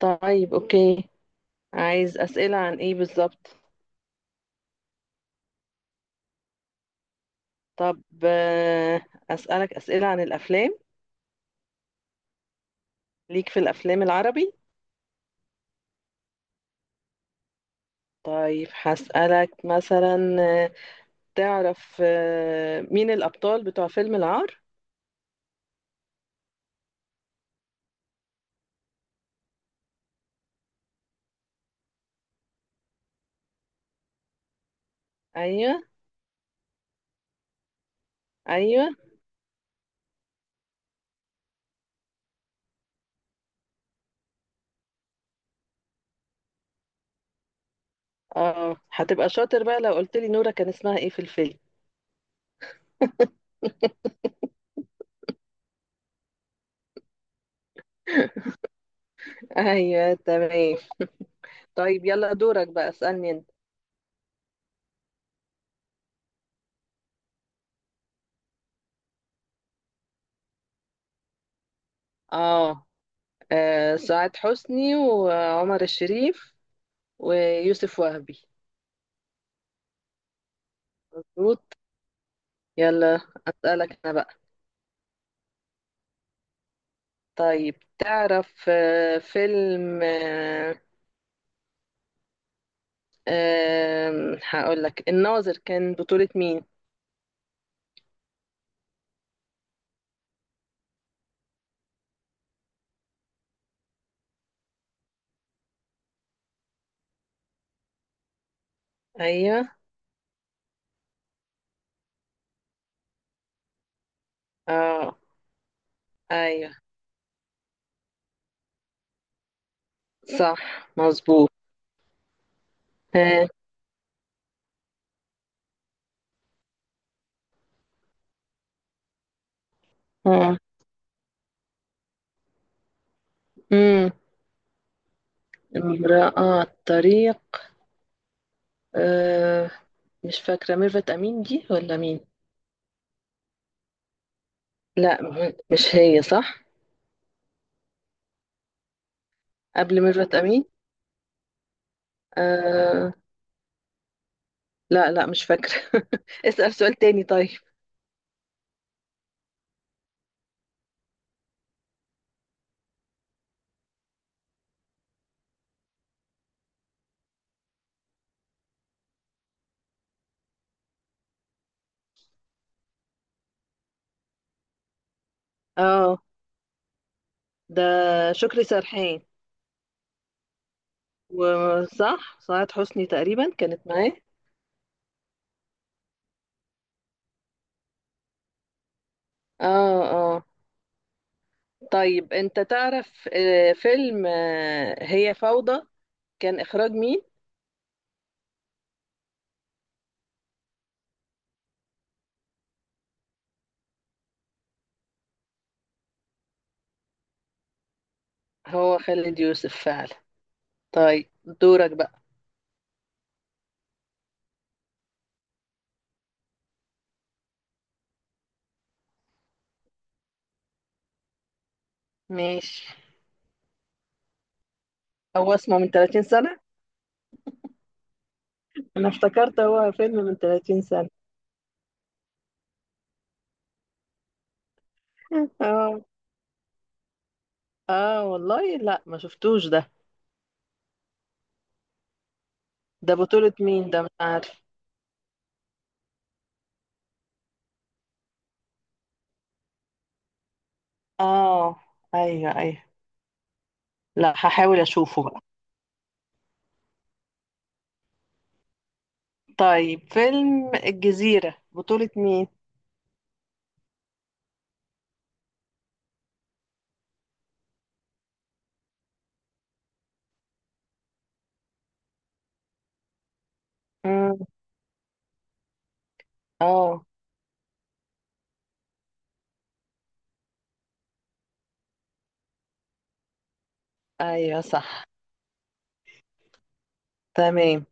طيب، اوكي. عايز اسئله عن ايه بالظبط؟ طب، اسالك اسئله عن الافلام. ليك في الافلام العربي. طيب، هسالك مثلا تعرف مين الابطال بتوع فيلم العار؟ ايوه، ايوه. اه، هتبقى شاطر بقى لو قلت لي نورة كان اسمها ايه في الفيلم. ايوه، تمام. طيب، يلا دورك بقى، اسالني انت. اه. سعاد حسني وعمر الشريف ويوسف وهبي. مظبوط. يلا، أسألك أنا بقى. طيب، تعرف فيلم هقول لك الناظر كان بطولة مين؟ أيوه. اه. أيوه، صح، مظبوط. آه، آه. أمم، امرأة على الطريق. آه، مش فاكرة ميرفت أمين دي ولا مين؟ لا، مش هي صح؟ قبل ميرفت أمين؟ آه، لا، لا، مش فاكرة. اسأل سؤال تاني طيب. اه، ده شكري سرحان. وصح، سعاد حسني تقريبا كانت معاه. اه. اه. طيب، انت تعرف فيلم هي فوضى، كان اخراج مين؟ هو خالد يوسف فعلا. طيب، دورك بقى. ماشي، هو اسمه من 30 سنة. انا افتكرت هو فيلم من 30 سنة. اه. اه والله، لا ما شفتوش ده. ده بطولة مين؟ ده مش عارف. اه. ايوه، ايوه. لا، هحاول اشوفه بقى. طيب، فيلم الجزيرة بطولة مين؟ اه. ايوه، صح. تمام،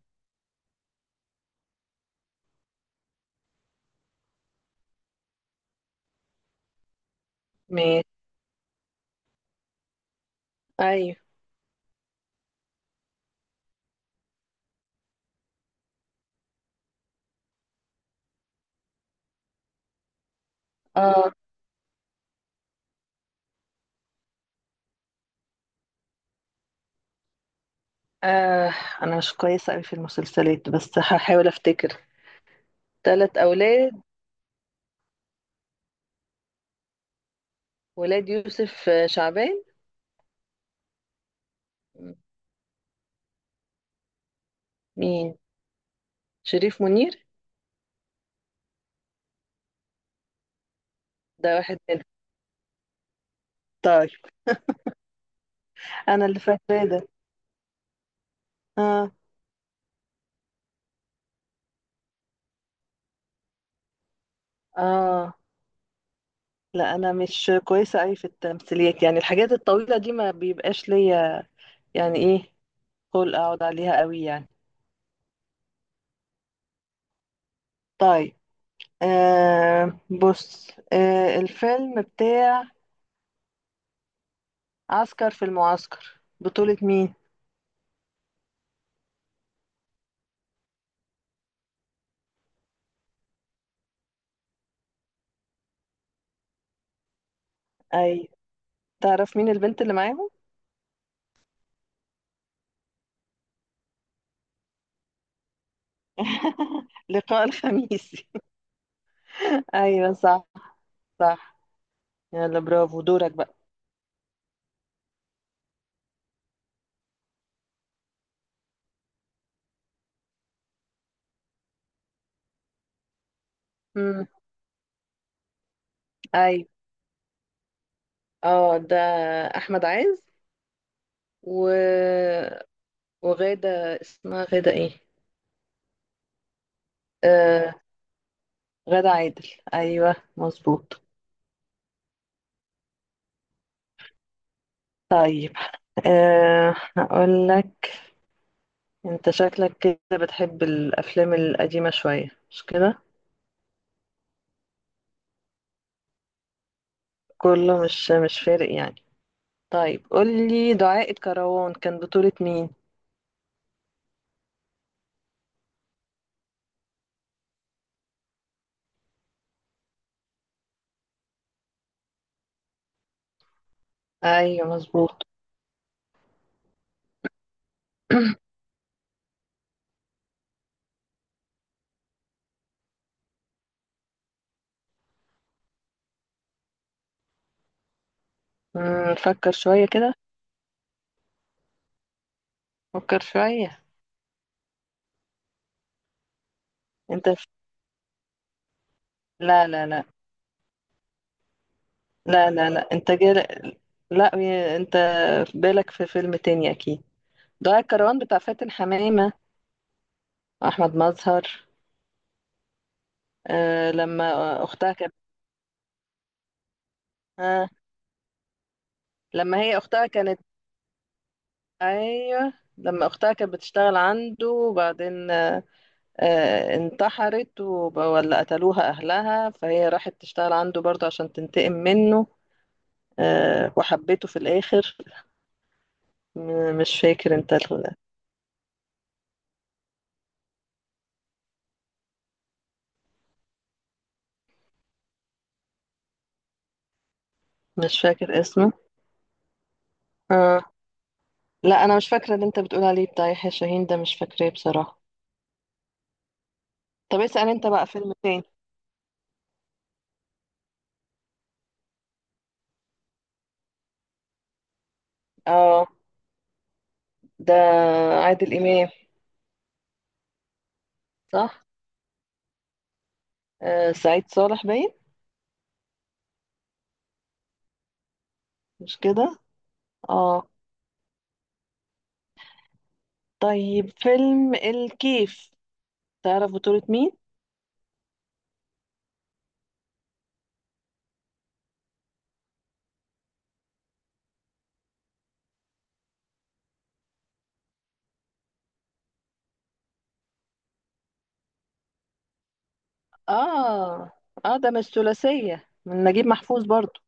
ماشي. ايوه. اه. آه انا مش كويسه قوي في المسلسلات بس هحاول افتكر. ثلاث اولاد. ولاد يوسف شعبان. مين؟ شريف منير. ده واحد منهم. طيب، انا اللي فاكراه ده. اه. اه. لا، انا مش كويسه قوي في التمثيليات، يعني الحاجات الطويله دي ما بيبقاش ليا. يعني ايه؟ قول اقعد عليها قوي يعني. طيب، بص. الفيلم بتاع عسكر في المعسكر بطولة مين؟ أي. تعرف مين البنت اللي معاهم؟ لقاء الخميس. أيوة، صح. صح. يلا، برافو، دورك بقى. مم. أيوة. اه، ده أحمد عز و... وغادة، اسمها غادة ايه؟ آه غادة عادل. أيوة، مظبوط. طيب، آه هقول لك. انت شكلك كده بتحب الأفلام القديمة شوية مش كده؟ كله، مش فارق يعني. طيب، قولي دعاء الكروان كان بطولة مين؟ أيوة، مظبوط. فكر شوية كده. فكر شوية. انت في... لا، لا، لا، لا، لا، لا، لا، انت في بالك في فيلم تاني أكيد. دعاء الكروان بتاع فاتن حمامة وأحمد مظهر. آه لما أختها كانت آه لما هي أختها كانت أيوة، لما أختها كانت بتشتغل عنده وبعدين، انتحرت ولا قتلوها أهلها فهي راحت تشتغل عنده برضه عشان تنتقم منه. وحبيته في الآخر. مش فاكر انت مش فاكر اسمه. آه. لا، أنا مش فاكرة اللي انت بتقول عليه، بتاع يحيى شاهين ده مش فاكراه بصراحة. طب، اسأل انت بقى فيلم تاني. اه، ده عادل إمام. صح. سعيد صالح باين. مش كده؟ اه. طيب، فيلم الكيف تعرف بطولة مين؟ اه. اه، ده مش ثلاثية من نجيب محفوظ برضو؟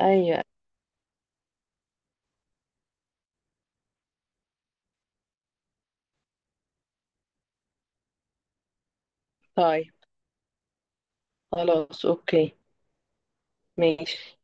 ايوه. طيب، خلاص، اوكي. ماشي.